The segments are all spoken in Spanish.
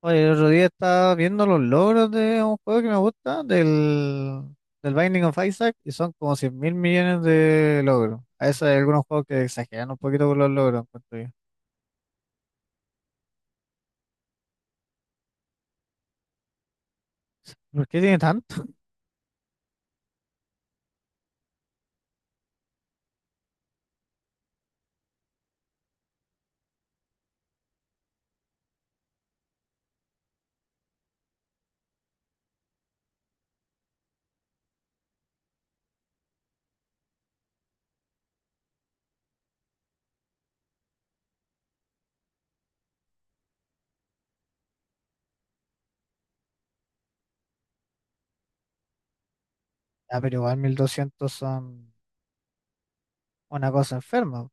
Oye, el otro día estaba viendo los logros de un juego que me gusta, del Binding of Isaac, y son como 100.000 millones de logros. A veces hay algunos juegos que exageran un poquito con los logros, encuentro yo. ¿Por qué tiene tanto? Ah, pero igual 1.200 son una cosa enferma,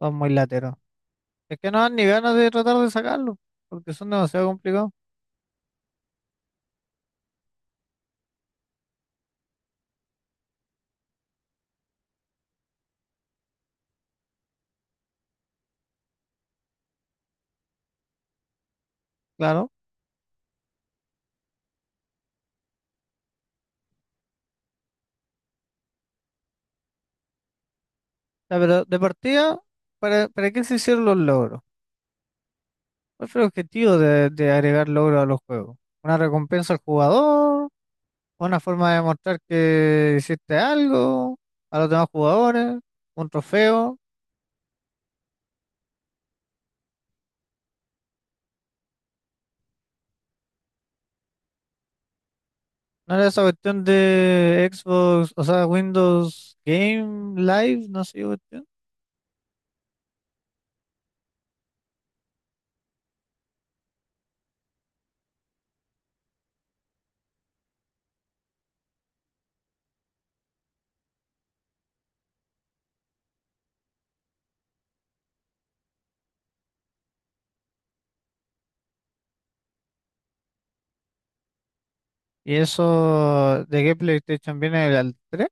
son muy lateros. Es que no dan ni ganas de tratar de sacarlo, porque son demasiado complicados, claro. Ya, pero de partida, ¿para qué se hicieron los logros? ¿Cuál fue el objetivo de agregar logros a los juegos? ¿Una recompensa al jugador? Una forma de demostrar que hiciste algo a los demás jugadores, un trofeo. ¿No era esa cuestión de Xbox, o sea, Windows Game Live, no sé qué cuestión? ¿Y eso de qué PlayStation viene, del al 3?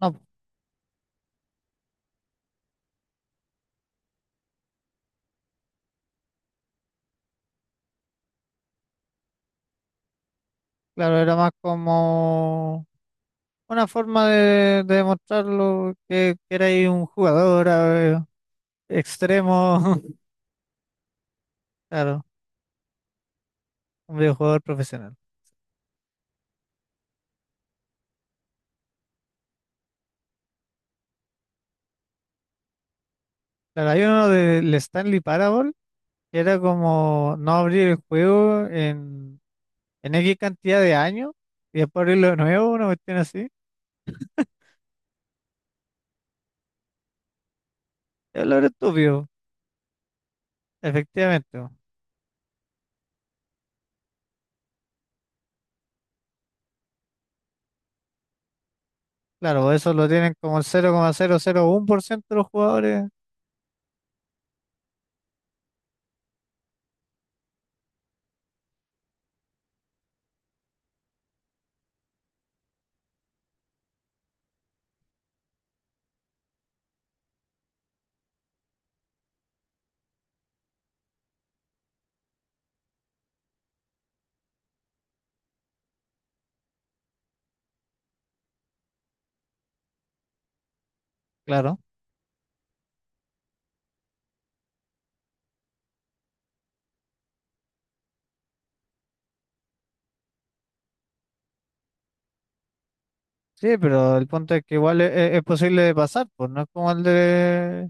No, pues, claro, era más como una forma de demostrarlo, que erais un jugador extremo. Claro, un videojugador profesional. Claro, hay uno del Stanley Parable. Era como no abrir el juego en X cantidad de años y después abrirlo de nuevo, una cuestión así. Es lo estúpido, efectivamente, bo. Claro, eso lo tienen como el 0,001% de los jugadores, claro. Sí, pero el punto es que igual es posible de pasar, pues no es como el de,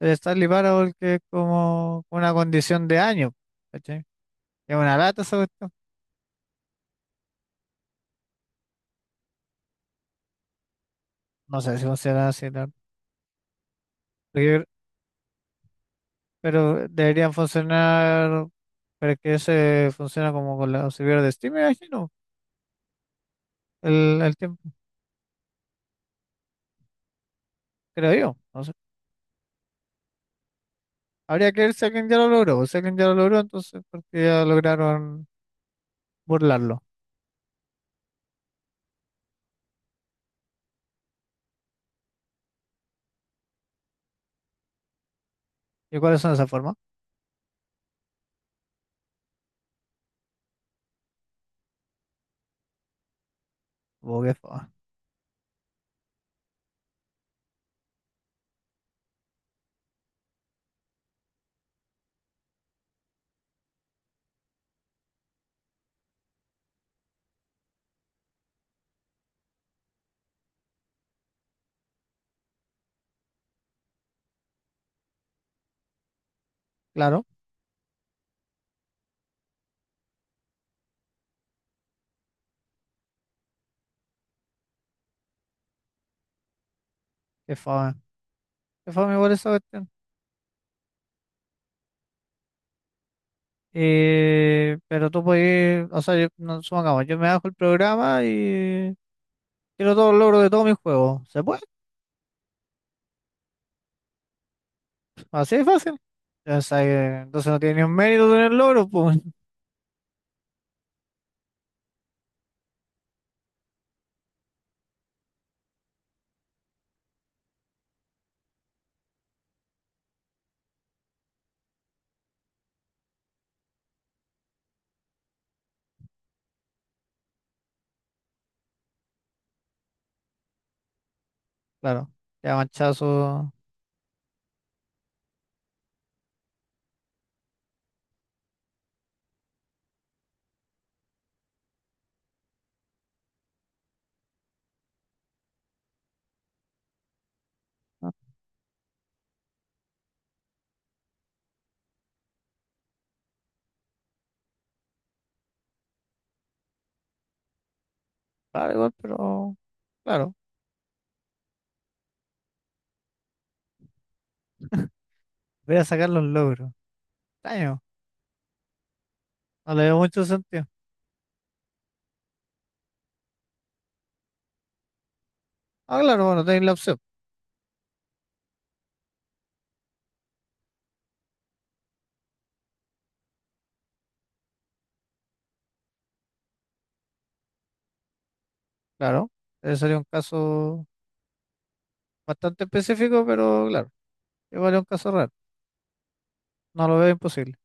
el Stanley Parable, que es como una condición de año, ¿cachai? Es una lata esa cuestión. No sé si funciona así, pero pero deberían funcionar. Pero es que ese funciona como con la servidor de Steam, me imagino. El tiempo, creo yo. No sé. Habría que ver si alguien ya lo logró, pues. Si alguien ya lo logró, entonces, porque ya lograron burlarlo. ¿Y cuáles son esas formas? Oh, qué fama. Claro, qué fama. Qué fama igual esa cuestión. Pero tú puedes, o sea, yo, no, supongamos, yo me bajo el programa y quiero todos los logros de todos mis juegos. ¿Se puede? Así de fácil. Ya sabes, entonces no tiene ni un mérito tener logros, pues. Claro, ya manchazo. Claro, igual, pero claro, voy a sacar los logros. Extraño, no le veo mucho sentido. Ah, claro, bueno, tenéis la opción, claro. Ese sería un caso bastante específico, pero claro, igual es un caso raro. No lo veo imposible.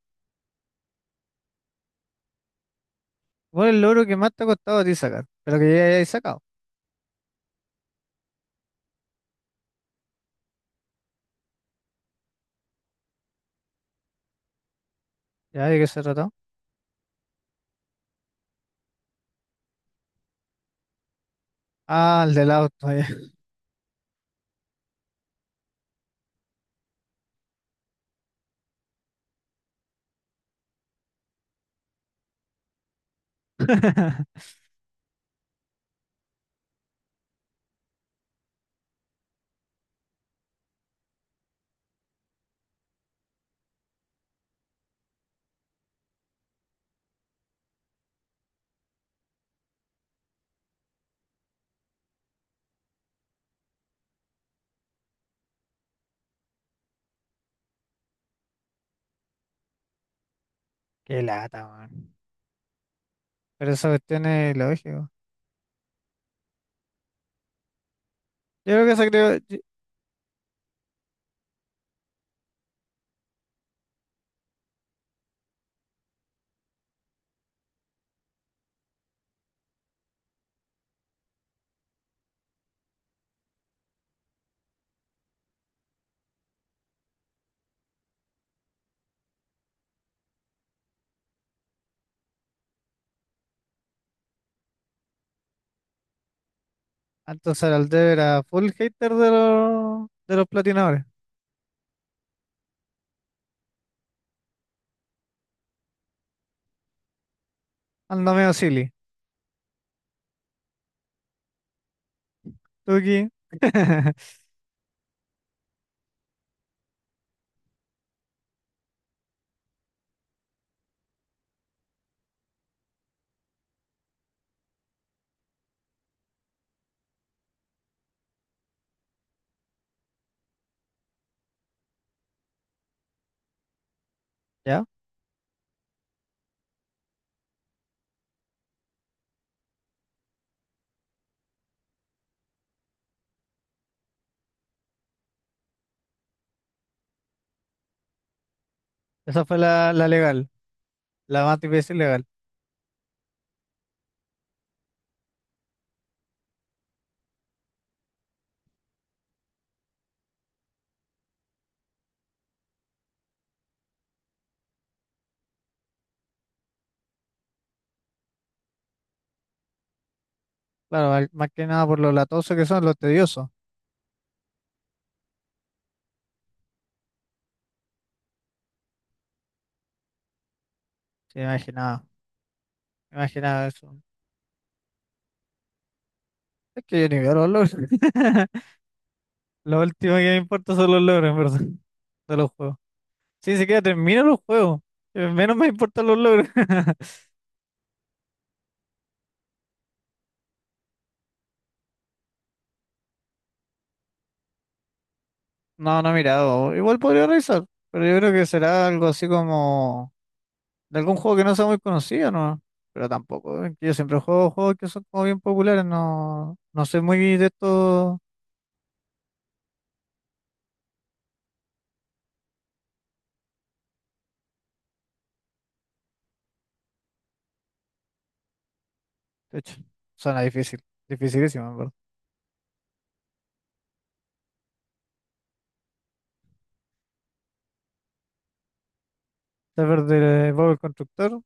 ¿Cuál es el logro que más te ha costado a ti sacar? Pero que ya hayáis sacado. ¿Ya de qué se trató? Ah, el del auto, ya. Qué lata, man. Pero esa cuestión es lógico. Yo creo que se creó. Entonces, el Aldev era full hater de los platinadores. Ando medio silly. Tuki. ¿Ya? Esa fue la, la legal, la más difícil legal. Claro, más que nada por lo latosos que son, los tediosos. Sí, imaginaba, imaginaba eso. Es que yo ni veo los logros. Lo último que me importa son los logros, en verdad, de los juegos. Sí, ni siquiera termino los juegos. Menos me importan los logros. No, no he mirado. Igual podría revisar, pero yo creo que será algo así como de algún juego que no sea muy conocido, ¿no? Pero tampoco, que yo siempre juego juegos que son como bien populares, no, no soy muy de estos. De hecho, suena difícil. Dificilísimo, en verdad. Saber de Bob el Constructor,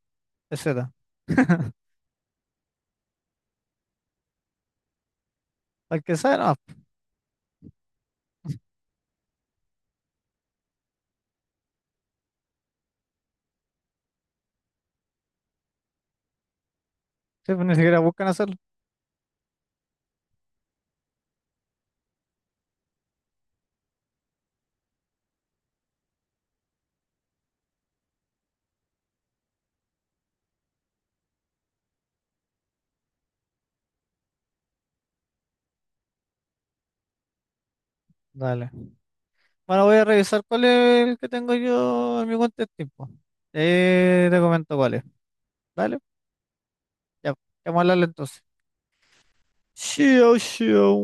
etcétera. Al que sabe, no. Sí, pues ni siquiera buscan hacerlo. Dale. Bueno, voy a revisar cuál es el que tengo yo en mi cuenta de tiempo. Te comento cuál es. Dale, ya. Vamos a hablarle entonces. Xiao, xiao.